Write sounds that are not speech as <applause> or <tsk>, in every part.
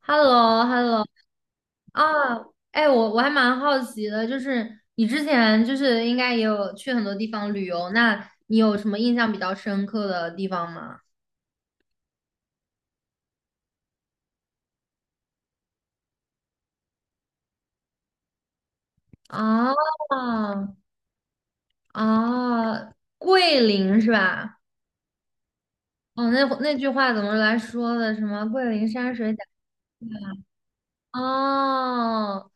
h e l l o h e l l o 啊，哎，我还蛮好奇的，就是你之前就是应该也有去很多地方旅游，那你有什么印象比较深刻的地方吗？啊啊，桂林是吧？哦，那句话怎么来说的？什么桂林山水甲？哦，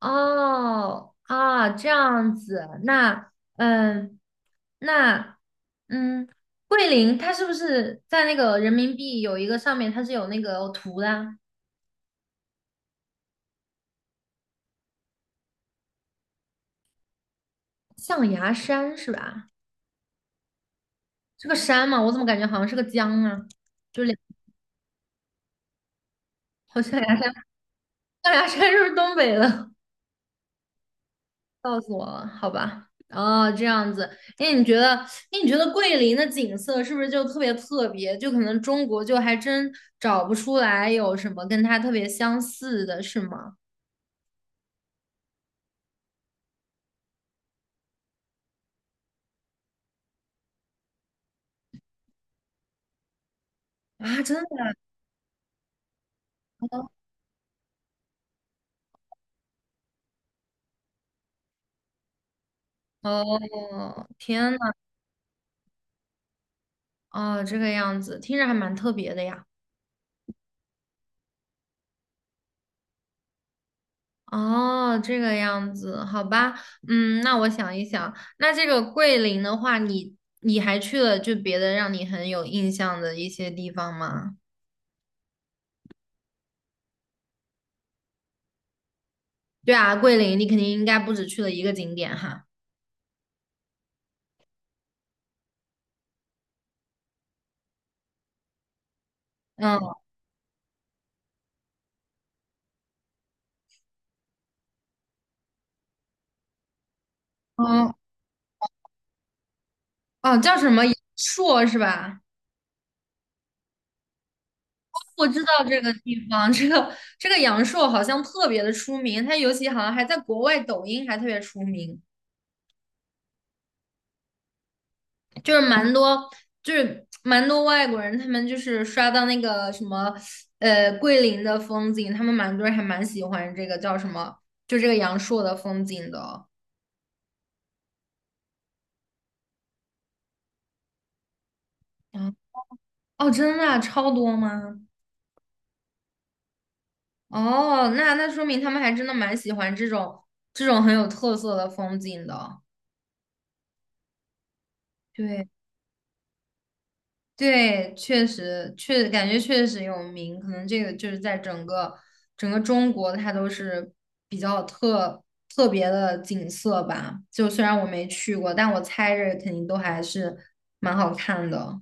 哦，啊，这样子，那，嗯，那，嗯，桂林它是不是在那个人民币有一个上面它是有那个图的啊。象牙山是吧？是个山吗？我怎么感觉好像是个江啊？就两，好像象牙山，象牙山是不是东北的？告诉我了，好吧？哦，这样子。哎，你觉得，哎，你觉得桂林的景色是不是就特别特别？就可能中国就还真找不出来有什么跟它特别相似的，是吗？啊，真的假的？哦，天呐，哦，这个样子，听着还蛮特别的呀。哦，这个样子，好吧，嗯，那我想一想，那这个桂林的话，你还去了就别的让你很有印象的一些地方吗？对啊，桂林你肯定应该不止去了一个景点哈。嗯嗯，哦，叫什么阳朔是吧？我知道这个地方，这个阳朔好像特别的出名，它尤其好像还在国外抖音还特别出名，就是蛮多就是蛮多外国人，他们就是刷到那个什么桂林的风景，他们蛮多人还蛮喜欢这个叫什么，就这个阳朔的风景的。嗯，哦，真的啊超多吗？哦，那说明他们还真的蛮喜欢这种很有特色的风景的。对对，确实感觉确实有名，可能这个就是在整个中国，它都是比较特别的景色吧。就虽然我没去过，但我猜着肯定都还是蛮好看的。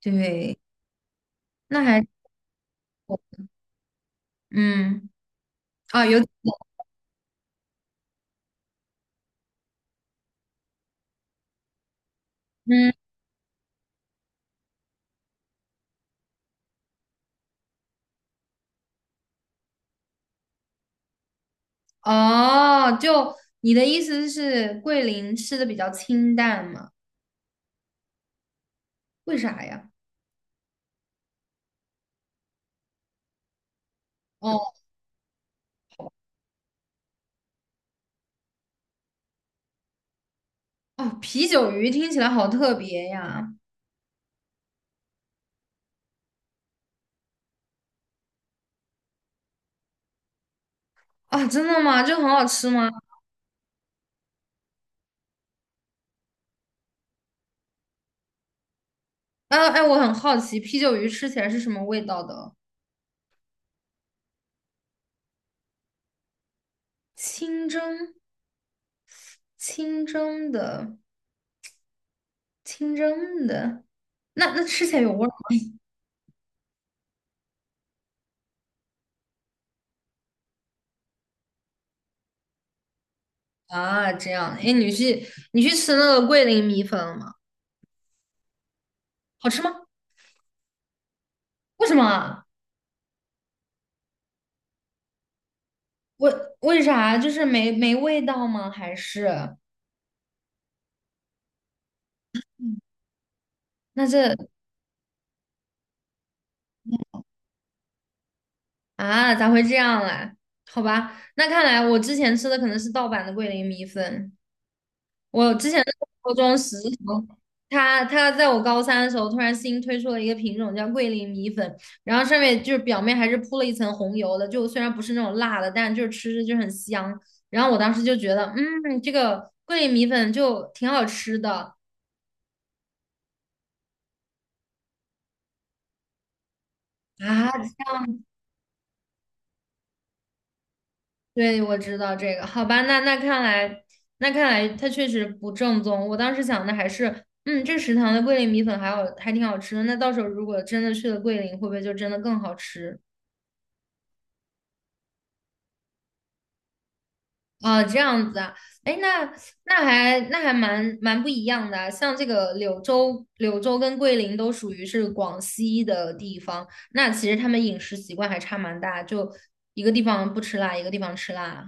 对，那还嗯啊有嗯哦，就你的意思是桂林吃的比较清淡嘛？为啥呀？哦哦，啤酒鱼听起来好特别呀！啊，真的吗？这很好吃吗？哎哎，我很好奇，啤酒鱼吃起来是什么味道的？清蒸，清蒸的，清蒸的，那吃起来有味儿吗？啊？这样，哎，你去吃那个桂林米粉了吗？好吃吗？为什么啊为为啥？就是没味道吗？还是那这？啊，咋会这样嘞？好吧，那看来我之前吃的可能是盗版的桂林米粉。我之前的高中食堂，他在我高三的时候突然新推出了一个品种叫桂林米粉，然后上面就是表面还是铺了一层红油的，就虽然不是那种辣的，但就是吃着就很香。然后我当时就觉得，嗯，这个桂林米粉就挺好吃的。啊，对，我知道这个。好吧，那看来它确实不正宗。我当时想的还是，嗯，这食堂的桂林米粉还好，还挺好吃的。那到时候如果真的去了桂林，会不会就真的更好吃？哦，这样子啊，哎，那那还蛮不一样的啊，像这个柳州跟桂林都属于是广西的地方，那其实他们饮食习惯还差蛮大，就一个地方不吃辣，一个地方吃辣啊。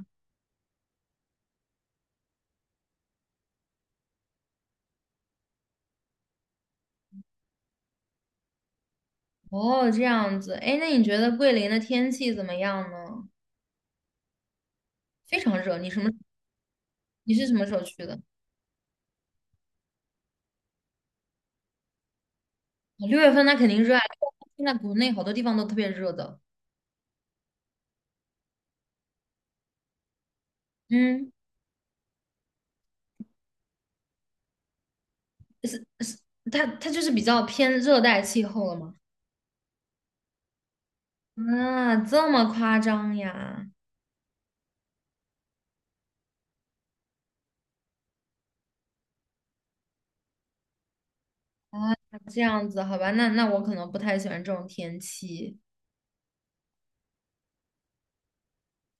哦，这样子，哎，那你觉得桂林的天气怎么样呢？非常热，你什么？你是什么时候去的？6月份那肯定热啊，现在国内好多地方都特别热的。嗯，它就是比较偏热带气候了嘛。啊，这么夸张呀？啊，这样子，好吧，那我可能不太喜欢这种天气，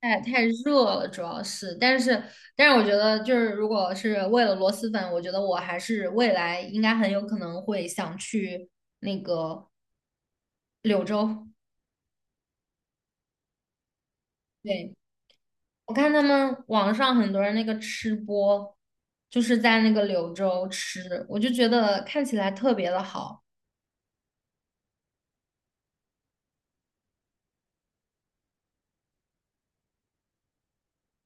太热了，主要是。但是，我觉得就是如果是为了螺蛳粉，我觉得我还是未来应该很有可能会想去那个。柳州，对，我看他们网上很多人那个吃播，就是在那个柳州吃，我就觉得看起来特别的好。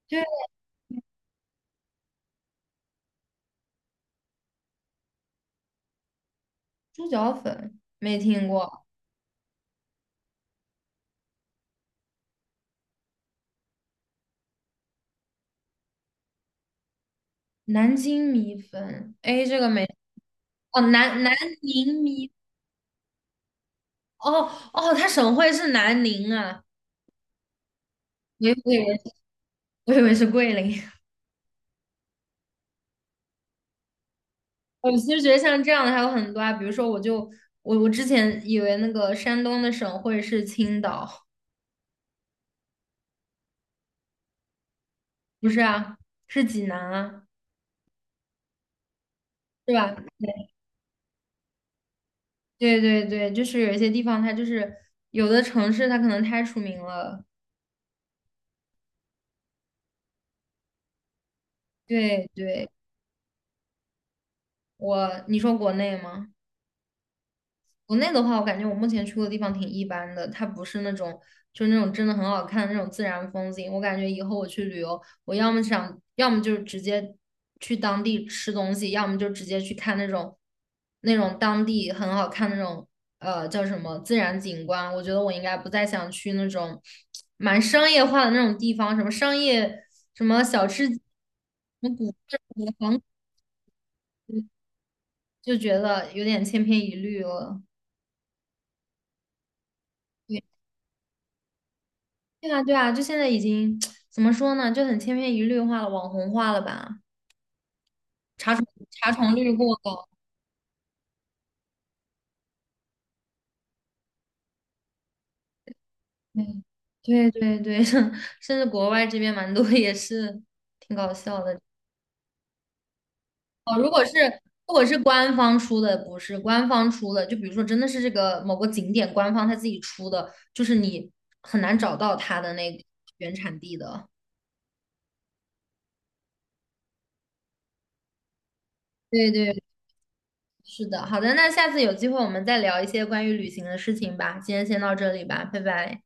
对，猪脚粉没听过，南京米粉，哎，这个没，哦，南宁米，哦哦，它省会是南宁啊，我以我以为是桂林。<laughs> 我其实觉得像这样的还有很多啊，比如说我就我我之前以为那个山东的省会是青岛，不是啊，是济南啊。是吧？对对对，就是有一些地方，它就是有的城市，它可能太出名了。对对，我，你说国内吗？国内的话，我感觉我目前去过的地方挺一般的，它不是那种就那种真的很好看的那种自然风景。我感觉以后我去旅游，我要么想，要么就是直接去当地吃东西，要么就直接去看那种当地很好看的那种叫什么自然景观。我觉得我应该不再想去那种蛮商业化的那种地方，什么商业什么小吃街什么古黄，就觉得有点千篇一律了。对啊，对啊，就现在已经 <tsk> 怎么说呢，就很千篇一律化了，网红化了吧？查重率过高，对对对对，<laughs> 甚至国外这边蛮多也是挺搞笑的哦。如果是官方出的，不是官方出的，就比如说真的是这个某个景点官方他自己出的，就是你很难找到它的那个原产地的。对对，是的，好的，那下次有机会我们再聊一些关于旅行的事情吧。今天先到这里吧，拜拜。